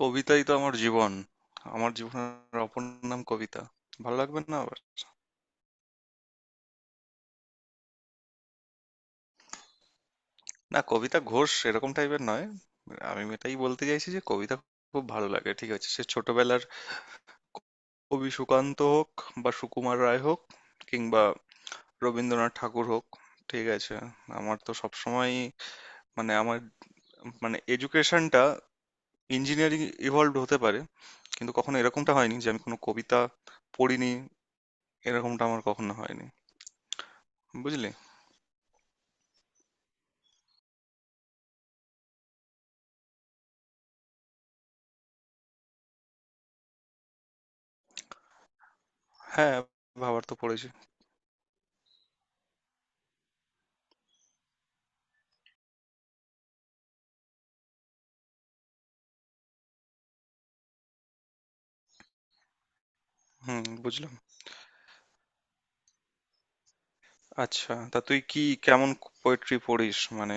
কবিতাই তো আমার জীবন। আমার জীবনের অপর নাম কবিতা। ভালো লাগবে না আবার? না, কবিতা ঘোষ এরকম টাইপের নয়। আমি এটাই বলতে চাইছি যে কবিতা খুব ভালো লাগে, ঠিক আছে? সে ছোটবেলার কবি সুকান্ত হোক, বা সুকুমার রায় হোক, কিংবা রবীন্দ্রনাথ ঠাকুর হোক, ঠিক আছে? আমার তো সবসময় মানে আমার মানে এডুকেশনটা ইঞ্জিনিয়ারিং ইভলভ হতে পারে, কিন্তু কখনো এরকমটা হয়নি যে আমি কোনো কবিতা পড়িনি। এরকমটা আমার কখনো হয়নি, বুঝলি? হ্যাঁ, ভাবার তো পড়েছি। হুম, বুঝলাম। আচ্ছা, তা তুই কেমন পোয়েট্রি পড়িস? মানে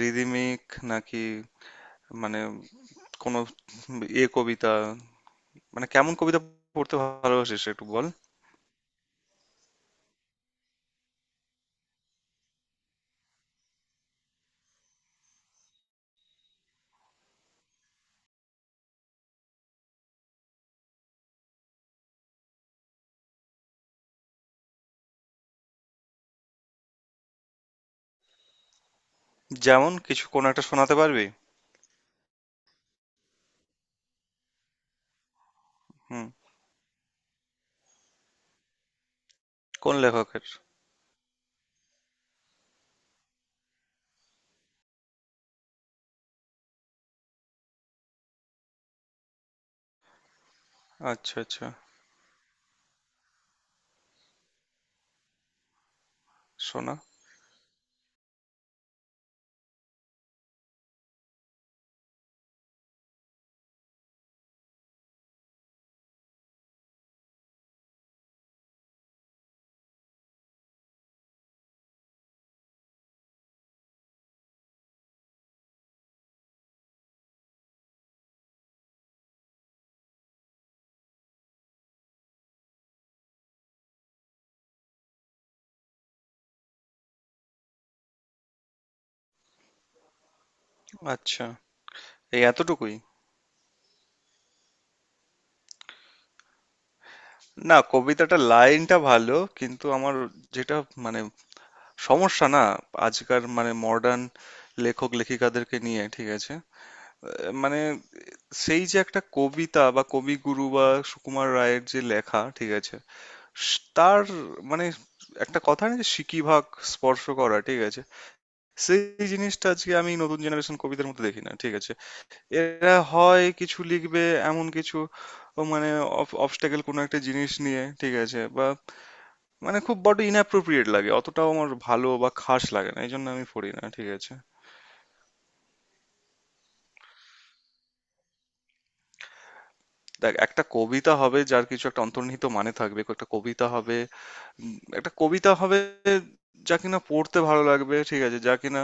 রিদমিক, নাকি মানে কোনো কবিতা, মানে কেমন কবিতা পড়তে ভালোবাসিস একটু বল? যেমন কিছু কোনো একটা শোনাতে পারবি? হুম, কোন লেখকের? আচ্ছা, আচ্ছা। শোনা? আচ্ছা, এই এতটুকুই? না, কবিতাটার লাইনটা ভালো, কিন্তু আমার যেটা মানে সমস্যা না, আজকার মানে মডার্ন লেখক লেখিকাদেরকে নিয়ে, ঠিক আছে? মানে সেই যে একটা কবিতা বা কবিগুরু বা সুকুমার রায়ের যে লেখা, ঠিক আছে? তার মানে একটা কথা না, যে সিকিভাগ স্পর্শ করা, ঠিক আছে? সেই জিনিসটা আজকে আমি নতুন জেনারেশন কবিদের মধ্যে দেখি না, ঠিক আছে? এরা হয় কিছু লিখবে, এমন কিছু, ও মানে অবস্টাকেল কোনো একটা জিনিস নিয়ে, ঠিক আছে, বা মানে খুব বড় ইনঅ্যাপ্রোপ্রিয়েট লাগে, অতটাও আমার ভালো বা খাস লাগে না, এই জন্য আমি পড়ি না, ঠিক আছে? দেখ, একটা কবিতা হবে যার কিছু একটা অন্তর্নিহিত মানে থাকবে, একটা কবিতা হবে, একটা কবিতা হবে যা কিনা পড়তে ভালো লাগবে, ঠিক আছে, যা কিনা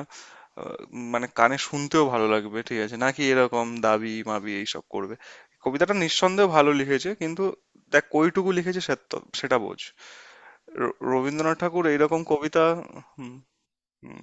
আহ, মানে কানে শুনতেও ভালো লাগবে, ঠিক আছে, নাকি এরকম দাবি মাবি এইসব করবে। কবিতাটা নিঃসন্দেহে ভালো লিখেছে, কিন্তু দেখ কইটুকু লিখেছে সে, সেটা বোঝ। রবীন্দ্রনাথ ঠাকুর এইরকম কবিতা। হুম। হুম,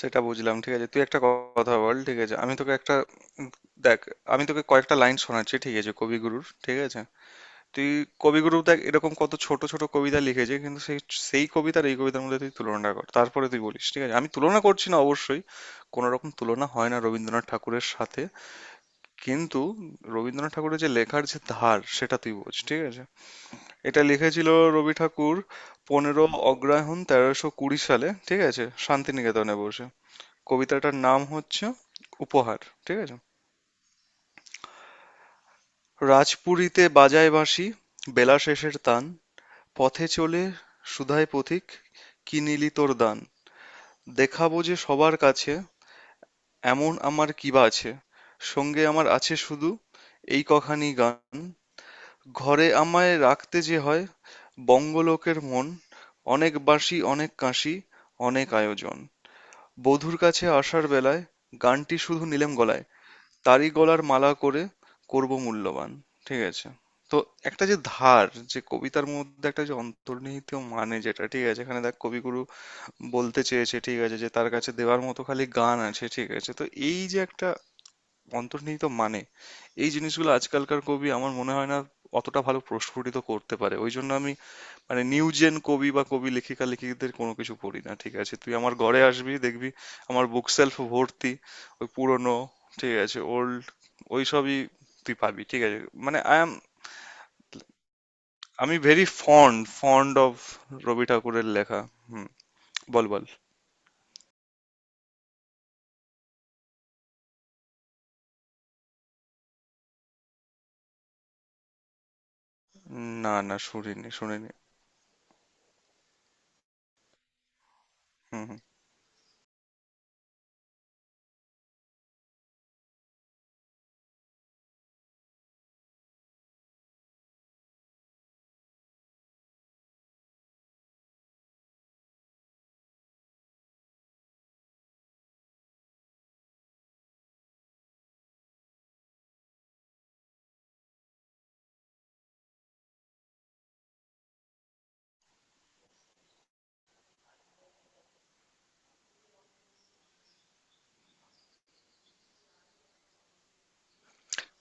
সেটা বুঝলাম, ঠিক আছে? তুই একটা কথা বল, ঠিক আছে? আমি তোকে একটা উম, দেখ, আমি তোকে কয়েকটা লাইন শোনাচ্ছি, ঠিক আছে, কবিগুরুর, ঠিক আছে? তুই কবিগুরু দেখ, এরকম কত ছোট ছোট কবিতা লিখেছে, কিন্তু সেই সেই কবিতার এই কবিতার মধ্যে তুই তুলনা কর, তারপরে তুই বলিস, ঠিক আছে? আমি তুলনা করছি না অবশ্যই, কোনো রকম তুলনা হয় না রবীন্দ্রনাথ ঠাকুরের সাথে, কিন্তু রবীন্দ্রনাথ ঠাকুরের যে লেখার যে ধার সেটা তুই বোঝ, ঠিক আছে? এটা লিখেছিল রবি ঠাকুর 15 অগ্রহায়ণ 1320 সালে, ঠিক আছে, শান্তিনিকেতনে বসে। কবিতাটার নাম হচ্ছে উপহার, ঠিক আছে। রাজপুরীতে বাজায় বাঁশি বেলা শেষের তান, পথে চলে সুধায় পথিক, কি নিলি তোর দান, দেখাব যে সবার কাছে, এমন আমার কিবা আছে, সঙ্গে আমার আছে শুধু এই কখানি গান, ঘরে আমায় রাখতে যে হয়, বঙ্গলোকের মন, অনেক বাঁশি অনেক কাঁসি, অনেক আয়োজন, বধূর কাছে আসার বেলায়, গানটি শুধু নিলেম গলায়, তারই গলার মালা করে করব মূল্যবান। ঠিক আছে? তো একটা যে ধার, যে কবিতার মধ্যে একটা যে অন্তর্নিহিত মানে, যেটা ঠিক আছে, এখানে দেখ কবিগুরু বলতে চেয়েছে, ঠিক আছে, যে তার কাছে দেওয়ার মতো খালি গান আছে, ঠিক আছে? তো এই যে একটা অন্তর্নিহিত মানে, এই জিনিসগুলো আজকালকার কবি আমার মনে হয় না অতটা ভালো প্রস্ফুটিত করতে পারে, ওই জন্য আমি মানে নিউ জেন কবি বা কবি লেখিকাদের কোনো কিছু পড়ি না, ঠিক আছে? তুই আমার ঘরে আসবি, দেখবি আমার বুক সেলফ ভর্তি ওই পুরনো, ঠিক আছে, ওল্ড, ওই সবই তুই পাবি, ঠিক আছে? মানে আই এম, আমি very fond fond of Rabi ঠাকুরের লেখা। হুম, বল বল। না না, শুনিনি শুনিনি। হুম হুম।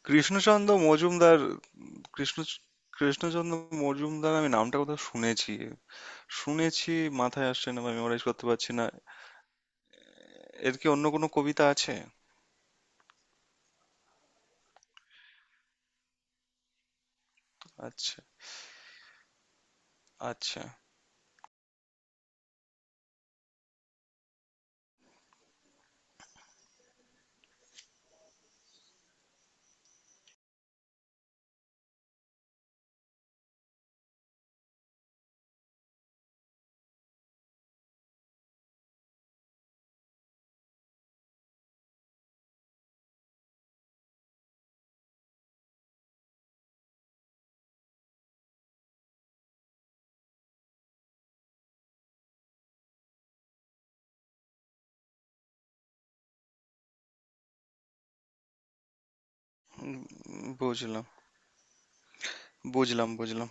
কৃষ্ণচন্দ্র মজুমদার। কৃষ্ণ কৃষ্ণচন্দ্র মজুমদার, আমি নামটা কোথাও শুনেছি, শুনেছি। মাথায় আসছে না, আমি মেমোরাইজ করতে পারছি না। এর কি অন্য কোনো কবিতা আছে? আচ্ছা। আচ্ছা। বুঝলাম, বুঝলাম.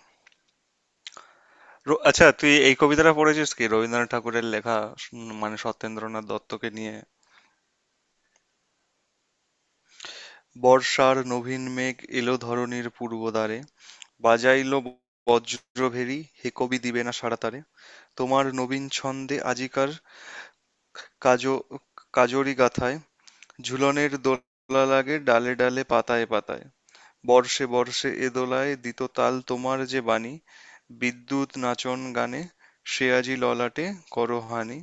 আচ্ছা, তুই এই কবিতাটা পড়েছিস কি, রবীন্দ্রনাথ ঠাকুরের লেখা, মানে সত্যেন্দ্রনাথ দত্তকে নিয়ে? বর্ষার নবীন মেঘ এলো ধরণীর পূর্ব দ্বারে, বাজাইলো বজ্রভেরি, হে কবি দিবে না সাড়া তারে? তোমার নবীন ছন্দে আজিকার কাজ কাজরি গাথায় ঝুলনের দোলা লাগে ডালে ডালে পাতায় পাতায়, বর্ষে বর্ষে এ দোলায় দিত তাল তোমার যে বাণী, বিদ্যুৎ নাচন গানে সে আজি ললাটে করো হানি,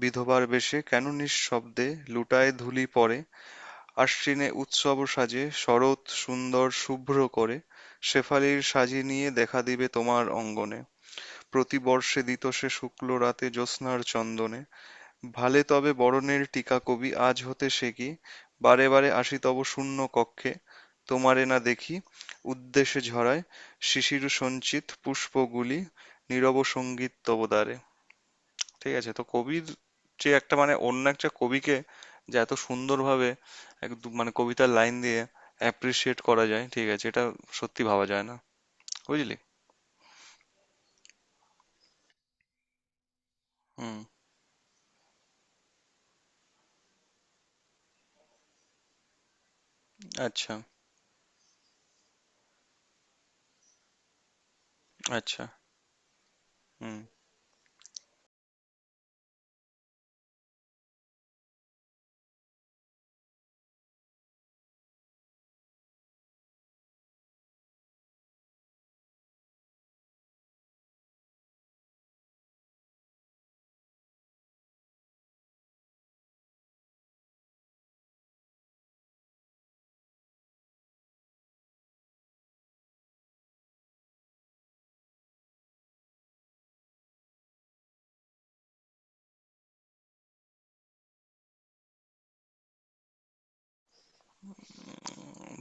বিধবার বেশে কেন নিঃশব্দে লুটায় ধূলি পড়ে, আশ্বিনে উৎসব সাজে শরৎ সুন্দর শুভ্র করে, শেফালির সাজি নিয়ে দেখা দিবে তোমার অঙ্গনে, প্রতি বর্ষে দিত সে শুক্ল রাতে জ্যোৎস্নার চন্দনে ভালে, তবে বরণের টীকা কবি আজ হতে সে কি? বারে বারে আসি তব শূন্য কক্ষে তোমারে না দেখি উদ্দেশে ঝরায় শিশিরসঞ্চিত পুষ্পগুলি নীরব সঙ্গীত তব দ্বারে। ঠিক আছে? তো কবির যে একটা মানে অন্য একটা কবিকে যে এত সুন্দরভাবে একদম মানে কবিতার লাইন দিয়ে অ্যাপ্রিসিয়েট করা যায়, ঠিক আছে, এটা সত্যি ভাবা যায় না, বুঝলি? হুম। আচ্ছা, আচ্ছা। হুম।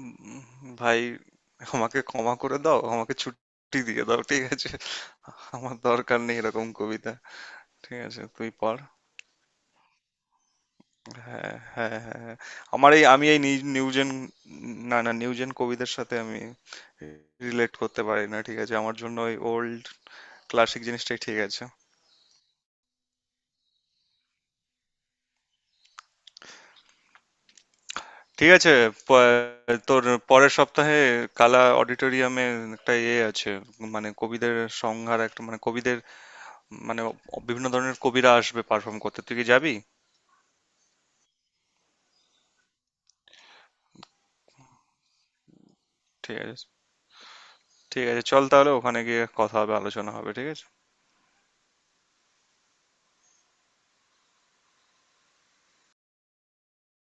উম, ভাই, আমাকে ক্ষমা করে দাও, আমাকে ছুটি দিয়ে দাও, ঠিক আছে? আমার দরকার নেই এরকম কবিতা। ঠিক আছে, তুই পড়। হ্যাঁ হ্যাঁ হ্যাঁ হ্যাঁ। আমার এই, নিউজেন, না না, নিউজেন কবিদের সাথে আমি রিলেট করতে পারি না, ঠিক আছে? আমার জন্য ওই ওল্ড ক্লাসিক জিনিসটাই, ঠিক আছে। ঠিক আছে, তোর পরের সপ্তাহে কালা অডিটোরিয়ামে একটা ইয়ে আছে, মানে কবিদের সংহার একটা, মানে কবিদের, মানে বিভিন্ন ধরনের কবিরা আসবে পারফর্ম করতে, তুই কি যাবি? ঠিক আছে। ঠিক আছে, চল তাহলে, ওখানে গিয়ে কথা হবে, আলোচনা হবে, ঠিক আছে।